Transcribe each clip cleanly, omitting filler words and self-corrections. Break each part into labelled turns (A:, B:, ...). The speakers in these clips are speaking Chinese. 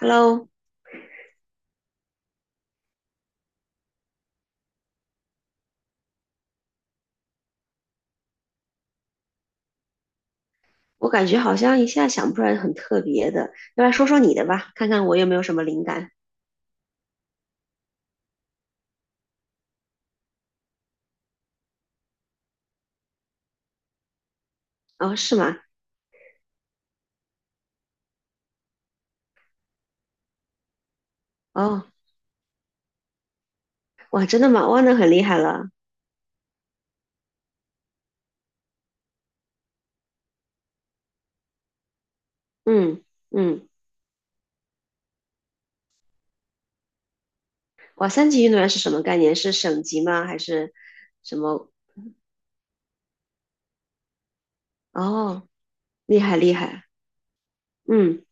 A: Hello，我感觉好像一下想不出来很特别的，要不来说说你的吧，看看我有没有什么灵感。哦，是吗？哦，哇，真的吗？哇，那很厉害了。嗯嗯，哇，三级运动员是什么概念？是省级吗？还是什么？哦，厉害厉害。嗯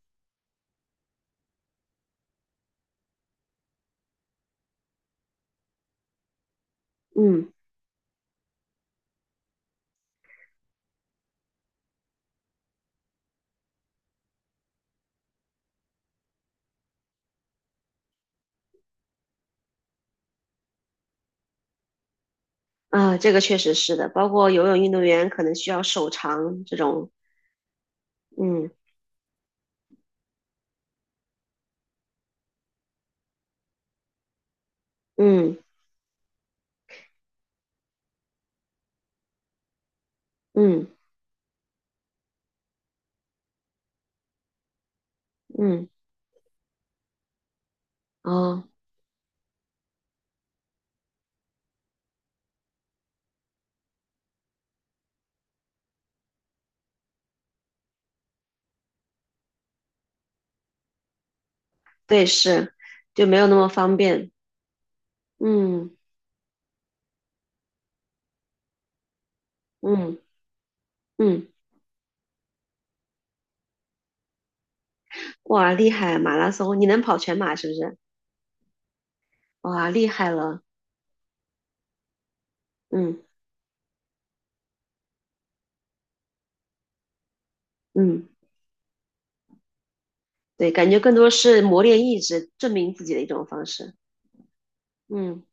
A: 嗯啊，这个确实是的，包括游泳运动员可能需要手长这种。嗯嗯嗯嗯，哦，对，是，就没有那么方便。嗯嗯。嗯，哇，厉害！马拉松，你能跑全马是不是？哇，厉害了。嗯嗯，对，感觉更多是磨练意志、证明自己的一种方式。嗯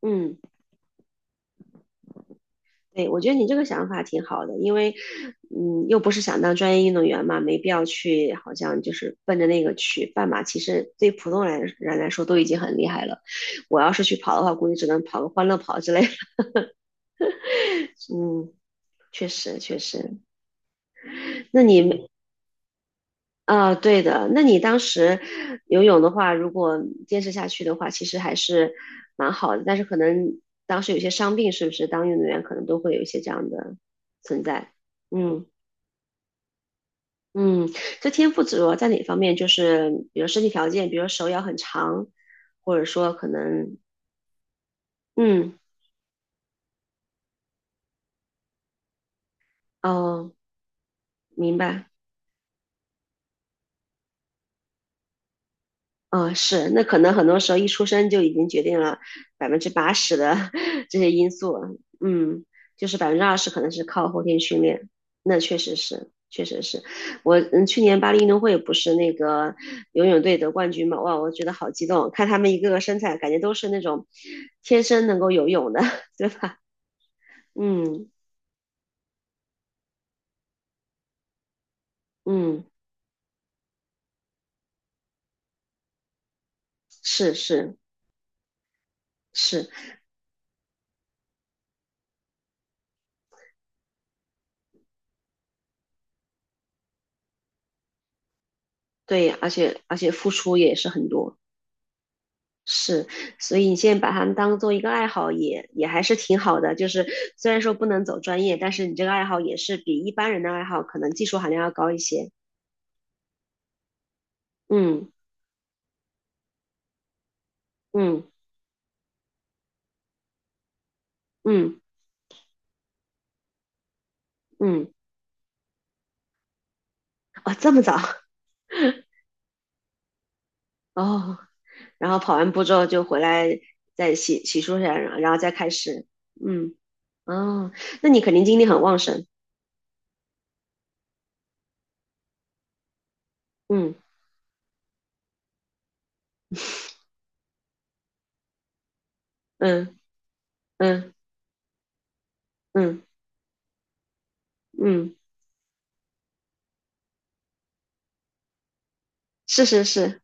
A: 嗯，对，我觉得你这个想法挺好的，因为又不是想当专业运动员嘛，没必要去，好像就是奔着那个去。半马其实对普通人来说都已经很厉害了，我要是去跑的话，估计只能跑个欢乐跑之类的。嗯，确实确实。那你啊，对的。那你当时游泳的话，如果坚持下去的话，其实还是蛮好的。但是可能当时有些伤病，是不是？当运动员可能都会有一些这样的存在。嗯嗯，这天赋主要在哪方面？就是比如身体条件，比如手要很长，或者说可能，嗯哦，明白。嗯，是，那可能很多时候一出生就已经决定了80%的 这些因素，嗯，就是20%可能是靠后天训练，那确实是，确实是。我去年巴黎运动会不是那个游泳队得冠军嘛？哇，我觉得好激动，看他们一个个身材，感觉都是那种天生能够游泳的，对吧？嗯嗯，是是是，对，而且付出也是很多。是，所以你现在把它们当做一个爱好也还是挺好的。就是虽然说不能走专业，但是你这个爱好也是比一般人的爱好可能技术含量要高一些。嗯嗯嗯嗯，哦，这么早。哦，然后跑完步之后就回来再洗漱一下，然后再开始。嗯，哦，那你肯定精力很旺盛。嗯嗯嗯嗯嗯，是是是，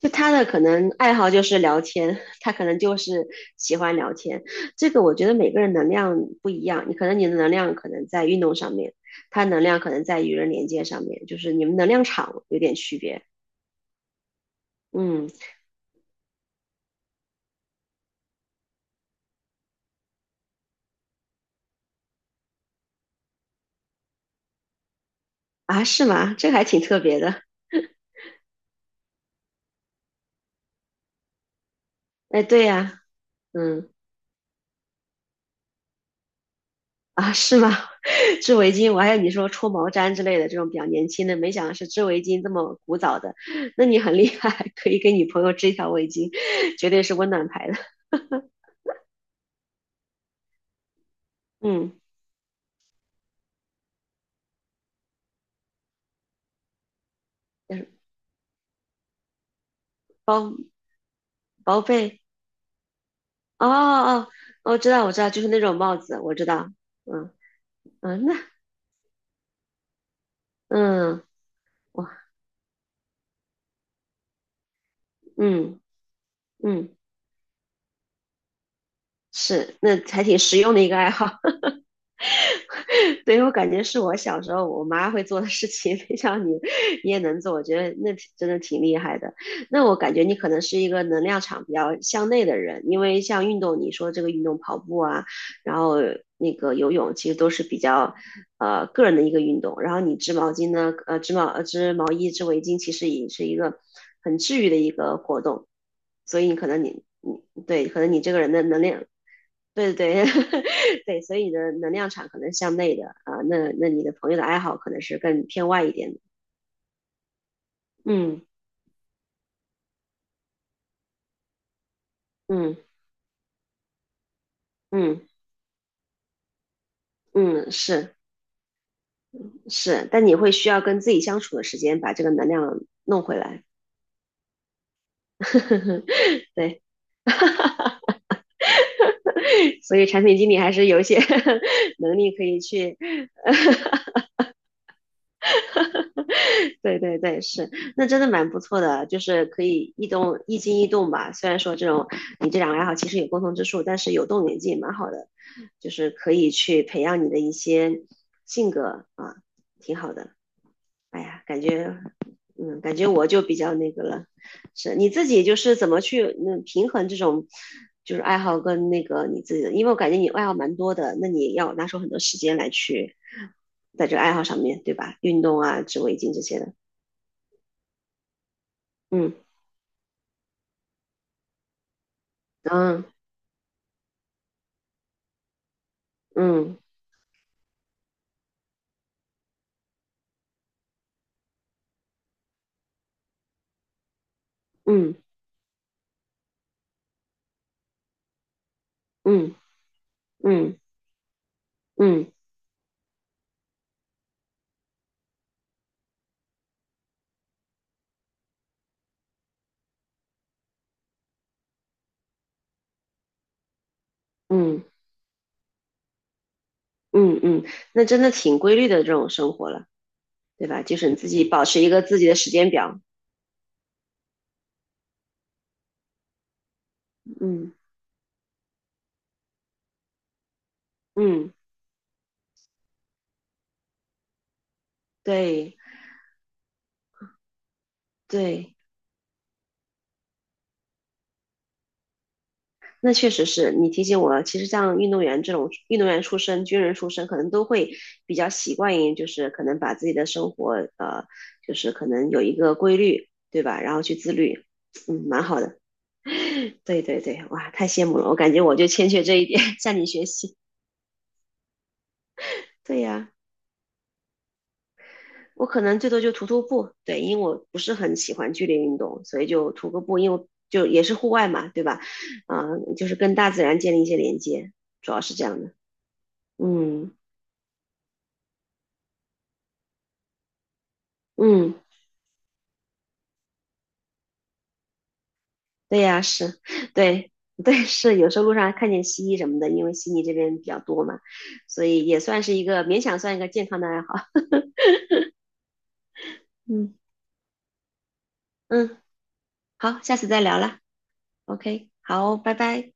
A: 就他的可能爱好就是聊天，他可能就是喜欢聊天。这个我觉得每个人能量不一样，你可能你的能量可能在运动上面，他能量可能在与人连接上面，就是你们能量场有点区别。嗯，啊，是吗？这个还挺特别的。哎，对呀，嗯，啊，是吗？织围巾，我还有你说戳毛毡之类的这种比较年轻的，没想到是织围巾这么古早的。那你很厉害，可以给女朋友织一条围巾，绝对是温暖牌的。嗯，包薄被，哦哦哦，我知道，我知道，就是那种帽子，我知道。嗯嗯，那嗯，哇，嗯嗯，是，那还挺实用的一个爱好。对，我感觉是我小时候我妈会做的事情，没想到你也能做，我觉得真的挺厉害的。那我感觉你可能是一个能量场比较向内的人，因为像运动，你说这个运动跑步啊，然后那个游泳，其实都是比较个人的一个运动。然后你织毛巾呢，织毛衣、织围巾，其实也是一个很治愈的一个活动。所以你可能你对，可能你这个人的能量对对对，对，所以你的能量场可能向内的啊，那你的朋友的爱好可能是更偏外一点的。嗯嗯嗯嗯，是是，但你会需要跟自己相处的时间，把这个能量弄回来。对，所以产品经理还是有一些 能力可以去 对对对，是，那真的蛮不错的，就是可以一动一静一动吧。虽然说这种你这两个爱好其实有共同之处，但是有动有静也蛮好的，就是可以去培养你的一些性格啊，挺好的。哎呀，感觉，嗯，感觉我就比较那个了。是你自己就是怎么去平衡这种就是爱好跟那个你自己的，因为我感觉你爱好蛮多的，那你要拿出很多时间来去在这个爱好上面，对吧？运动啊、织围巾这些的。嗯嗯嗯嗯嗯嗯嗯嗯嗯嗯，那真的挺规律的这种生活了，对吧？就是你自己保持一个自己的时间表。嗯嗯，对对，那确实是你提醒我了其实像运动员这种运动员出身、军人出身，可能都会比较习惯于，就是可能把自己的生活，就是可能有一个规律，对吧？然后去自律，嗯，蛮好的。对对对，哇，太羡慕了，我感觉我就欠缺这一点，向你学习。对呀，我可能最多就徒步，对，因为我不是很喜欢剧烈运动，所以就徒个步，因为我就也是户外嘛，对吧？啊、就是跟大自然建立一些连接，主要是这样的。嗯嗯，对呀，是，对对是，有时候路上还看见蜥蜴什么的，因为悉尼这边比较多嘛，所以也算是一个勉强算一个健康的爱好。嗯嗯，好，下次再聊了。OK，好，拜拜。